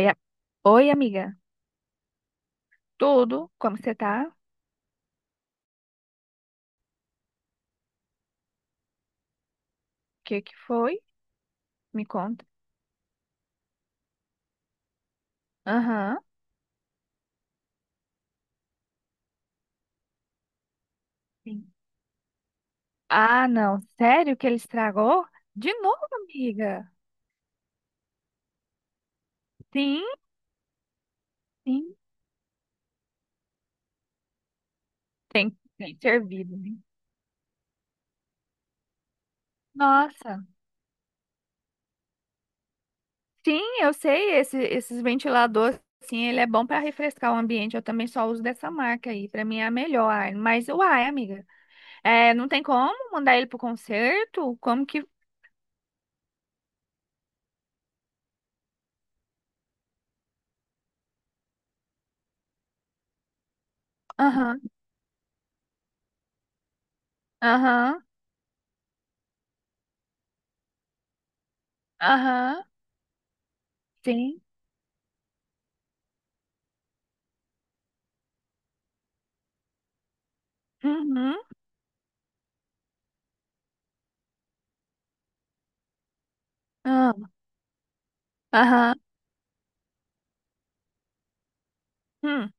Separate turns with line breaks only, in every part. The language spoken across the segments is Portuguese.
Oi, oi, amiga. Tudo? Como você tá? O que que foi? Me conta. Aham. Sim. Ah, não. Sério que ele estragou? De novo, amiga? Sim, sim. Tem, tem servido, né? Nossa. Sim, eu sei. Esses ventiladores, sim, ele é bom para refrescar o ambiente. Eu também só uso dessa marca aí. Para mim é a melhor. Mas, uai, amiga. É, não tem como mandar ele pro concerto? Como que. Aham, aham, aham. Sim. Uhum. Aham. Hum,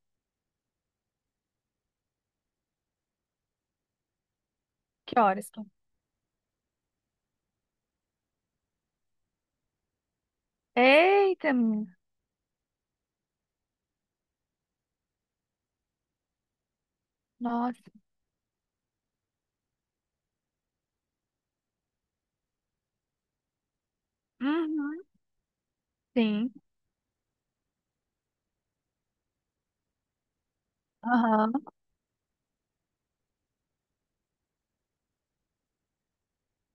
que horas? É? Eita, menina. Nossa. Uhum, sim. Aham.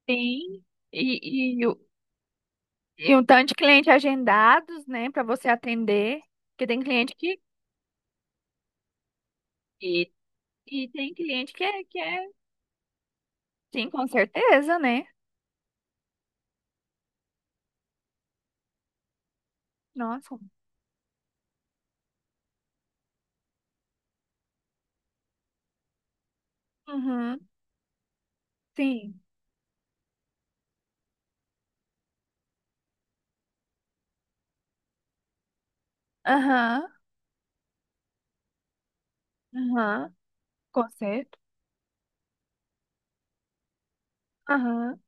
Sim. E, e, o- e um tanto de cliente agendados, né, para você atender. Porque tem cliente que. E, e tem cliente que é. Sim, com certeza, né? Nossa. Uhum, sim. Aham. Aham. Concerto. Aham.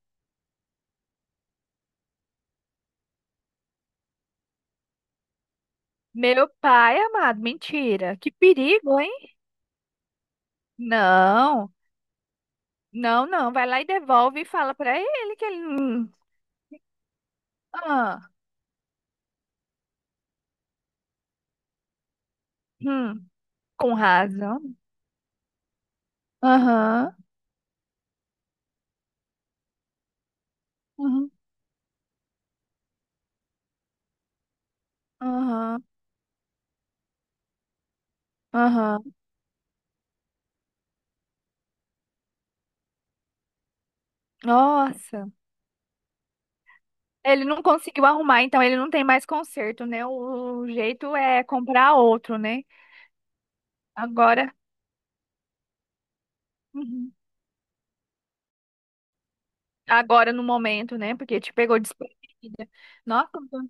Meu pai amado, mentira. Que perigo, hein? Não. Não, não, vai lá e devolve e fala pra ele que ele. Ah, hum, com razão. Aham, uhum, aham, aham. Nossa. Ele não conseguiu arrumar, então ele não tem mais conserto, né? O jeito é comprar outro, né? Agora, uhum, agora no momento, né? Porque te pegou desprevenida. Nossa,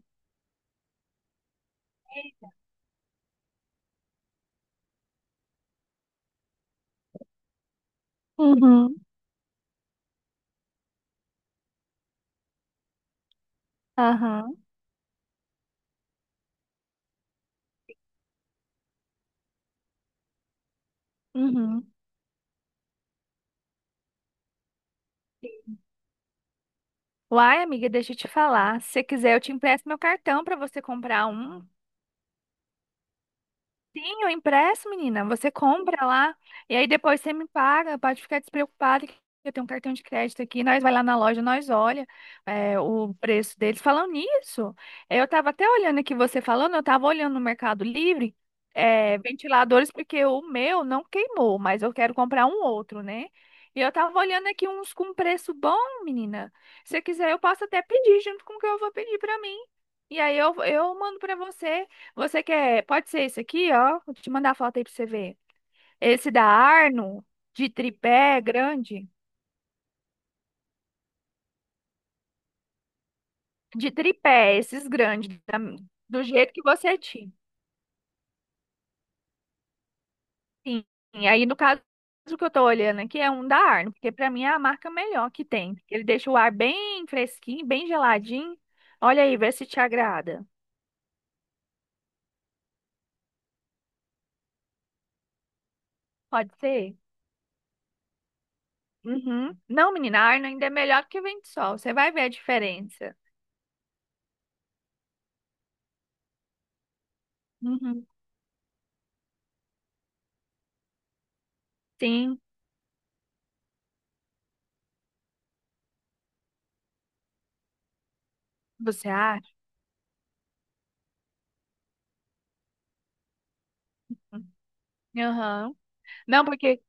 uhum, aham, uhum. Uai, amiga, deixa eu te falar. Se você quiser, eu te empresto meu cartão para você comprar um. Sim, o impresso, menina. Você compra lá e aí depois você me paga. Pode ficar despreocupada que eu tenho um cartão de crédito aqui. Nós vai lá na loja, nós olha o preço deles. Falando nisso, eu tava até olhando aqui você falando, eu tava olhando no Mercado Livre, ventiladores porque o meu não queimou, mas eu quero comprar um outro, né? E eu tava olhando aqui uns com preço bom, menina. Se você quiser, eu posso até pedir junto com o que eu vou pedir pra mim. E aí eu mando pra você. Você quer? Pode ser esse aqui, ó. Vou te mandar a foto aí pra você ver. Esse da Arno, de tripé grande. De tripé, esses grandes, do jeito que você tinha. Sim. E aí, no caso, o que eu tô olhando aqui é um da Arno, porque pra mim é a marca melhor que tem. Ele deixa o ar bem fresquinho, bem geladinho. Olha aí, vê se te agrada. Pode ser? Uhum. Não, menina, a Arno ainda é melhor que o vento sol. Você vai ver a diferença. Uhum. Sim, você acha? Aham. Não, porque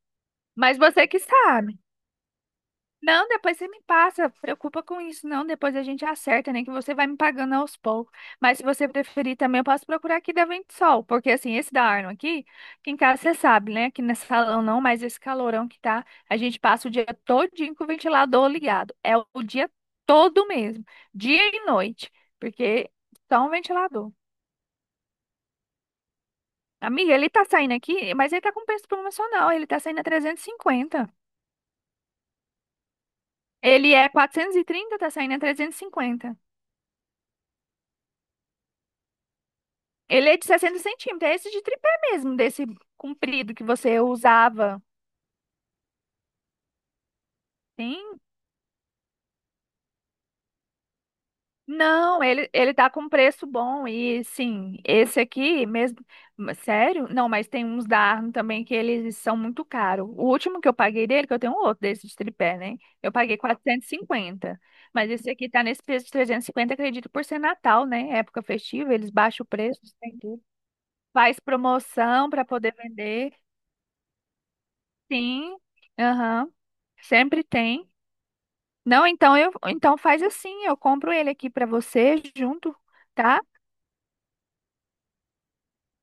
mas você que sabe. Não, depois você me passa, preocupa com isso, não. Depois a gente acerta, nem que você vai me pagando aos poucos. Mas se você preferir também, eu posso procurar aqui da Vento Sol, porque assim, esse da Arno aqui, que em casa você sabe, né? Que nesse salão não, mas esse calorão que tá, a gente passa o dia todinho com o ventilador ligado. É o dia todo mesmo, dia e noite, porque só um ventilador. Amiga, ele tá saindo aqui, mas ele tá com preço promocional, ele tá saindo a 350. Ele é 430, tá saindo a 350. Ele é de 60 centímetros, é esse de tripé mesmo, desse comprido que você usava. Sim. Não, ele tá com preço bom e sim, esse aqui mesmo. Mas, sério? Não, mas tem uns da Arno também que eles são muito caros. O último que eu paguei dele, que eu tenho um outro desse de tripé, né? Eu paguei 450. Mas esse aqui tá nesse preço de 350, acredito, por ser Natal, né? Época festiva, eles baixam o preço, tem tudo. Faz promoção para poder vender. Sim, aham, sempre tem. Não, então faz assim, eu compro ele aqui pra você junto, tá?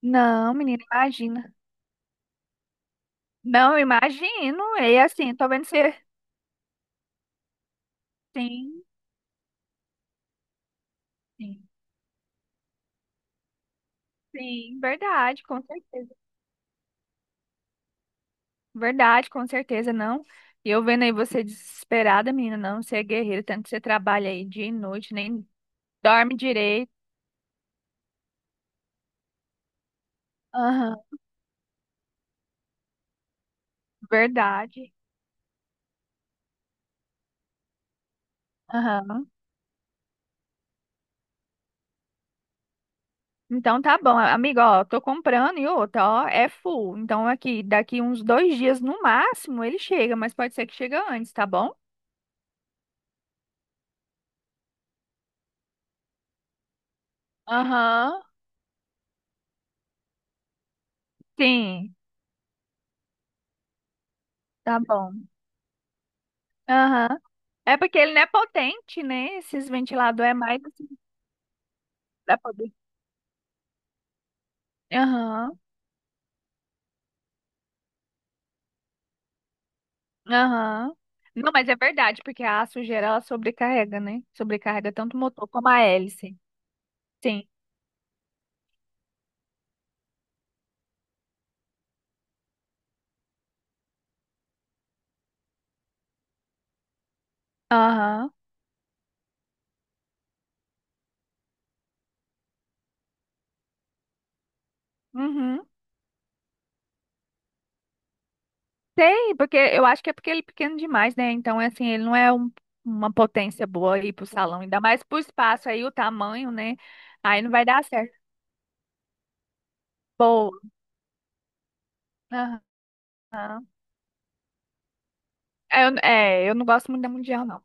Não, menina, imagina. Não, eu imagino. É assim, tô vendo você. Sim, sim, sim, verdade, com certeza. Verdade, com certeza, não. E eu vendo aí você desesperada, menina, não, você é guerreira, tanto que você trabalha aí dia e noite, nem dorme direito. Aham, verdade. Aham. Então tá bom, amigo, ó, tô comprando e outra, ó, é full. Então aqui, daqui uns 2 dias no máximo ele chega, mas pode ser que chega antes, tá bom? Aham, sim, tá bom. Aham. É porque ele não é potente, né? Esses ventiladores é mais assim, pra poder. Aham, aham. Não, mas é verdade, porque a sujeira ela sobrecarrega, né? Sobrecarrega tanto o motor como a hélice. Sim. Aham. Uhum. Tem, porque eu acho que é porque ele é pequeno demais, né? Então, é assim, ele não é uma potência boa aí pro salão, ainda mais pro espaço aí, o tamanho, né? Aí não vai dar certo. Boa. Aham. Eu não gosto muito da Mundial, não.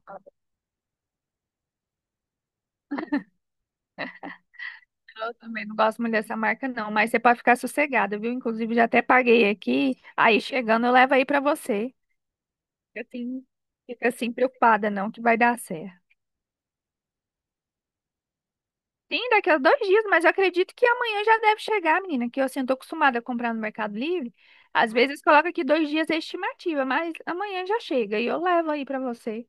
Eu também não gosto muito dessa marca, não. Mas você pode ficar sossegada, viu? Inclusive, já até paguei aqui. Aí, chegando, eu levo aí pra você. Fica assim, fica assim preocupada, não, que vai dar certo. Sim, daqui a 2 dias, mas eu acredito que amanhã já deve chegar, menina, que eu assim, eu tô acostumada a comprar no Mercado Livre. Às vezes coloca aqui 2 dias a estimativa, mas amanhã já chega e eu levo aí pra você.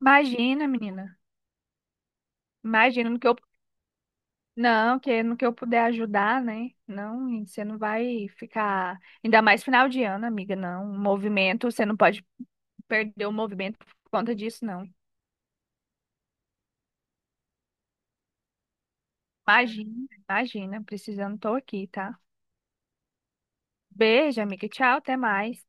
Imagina, menina. Imagina no que eu. Não, que no que eu puder ajudar, né? Não, e você não vai ficar. Ainda mais final de ano, amiga, não. Movimento, você não pode perder o movimento por conta disso, não. Imagina, imagina. Precisando, tô aqui, tá? Beijo, amiga. Tchau, até mais.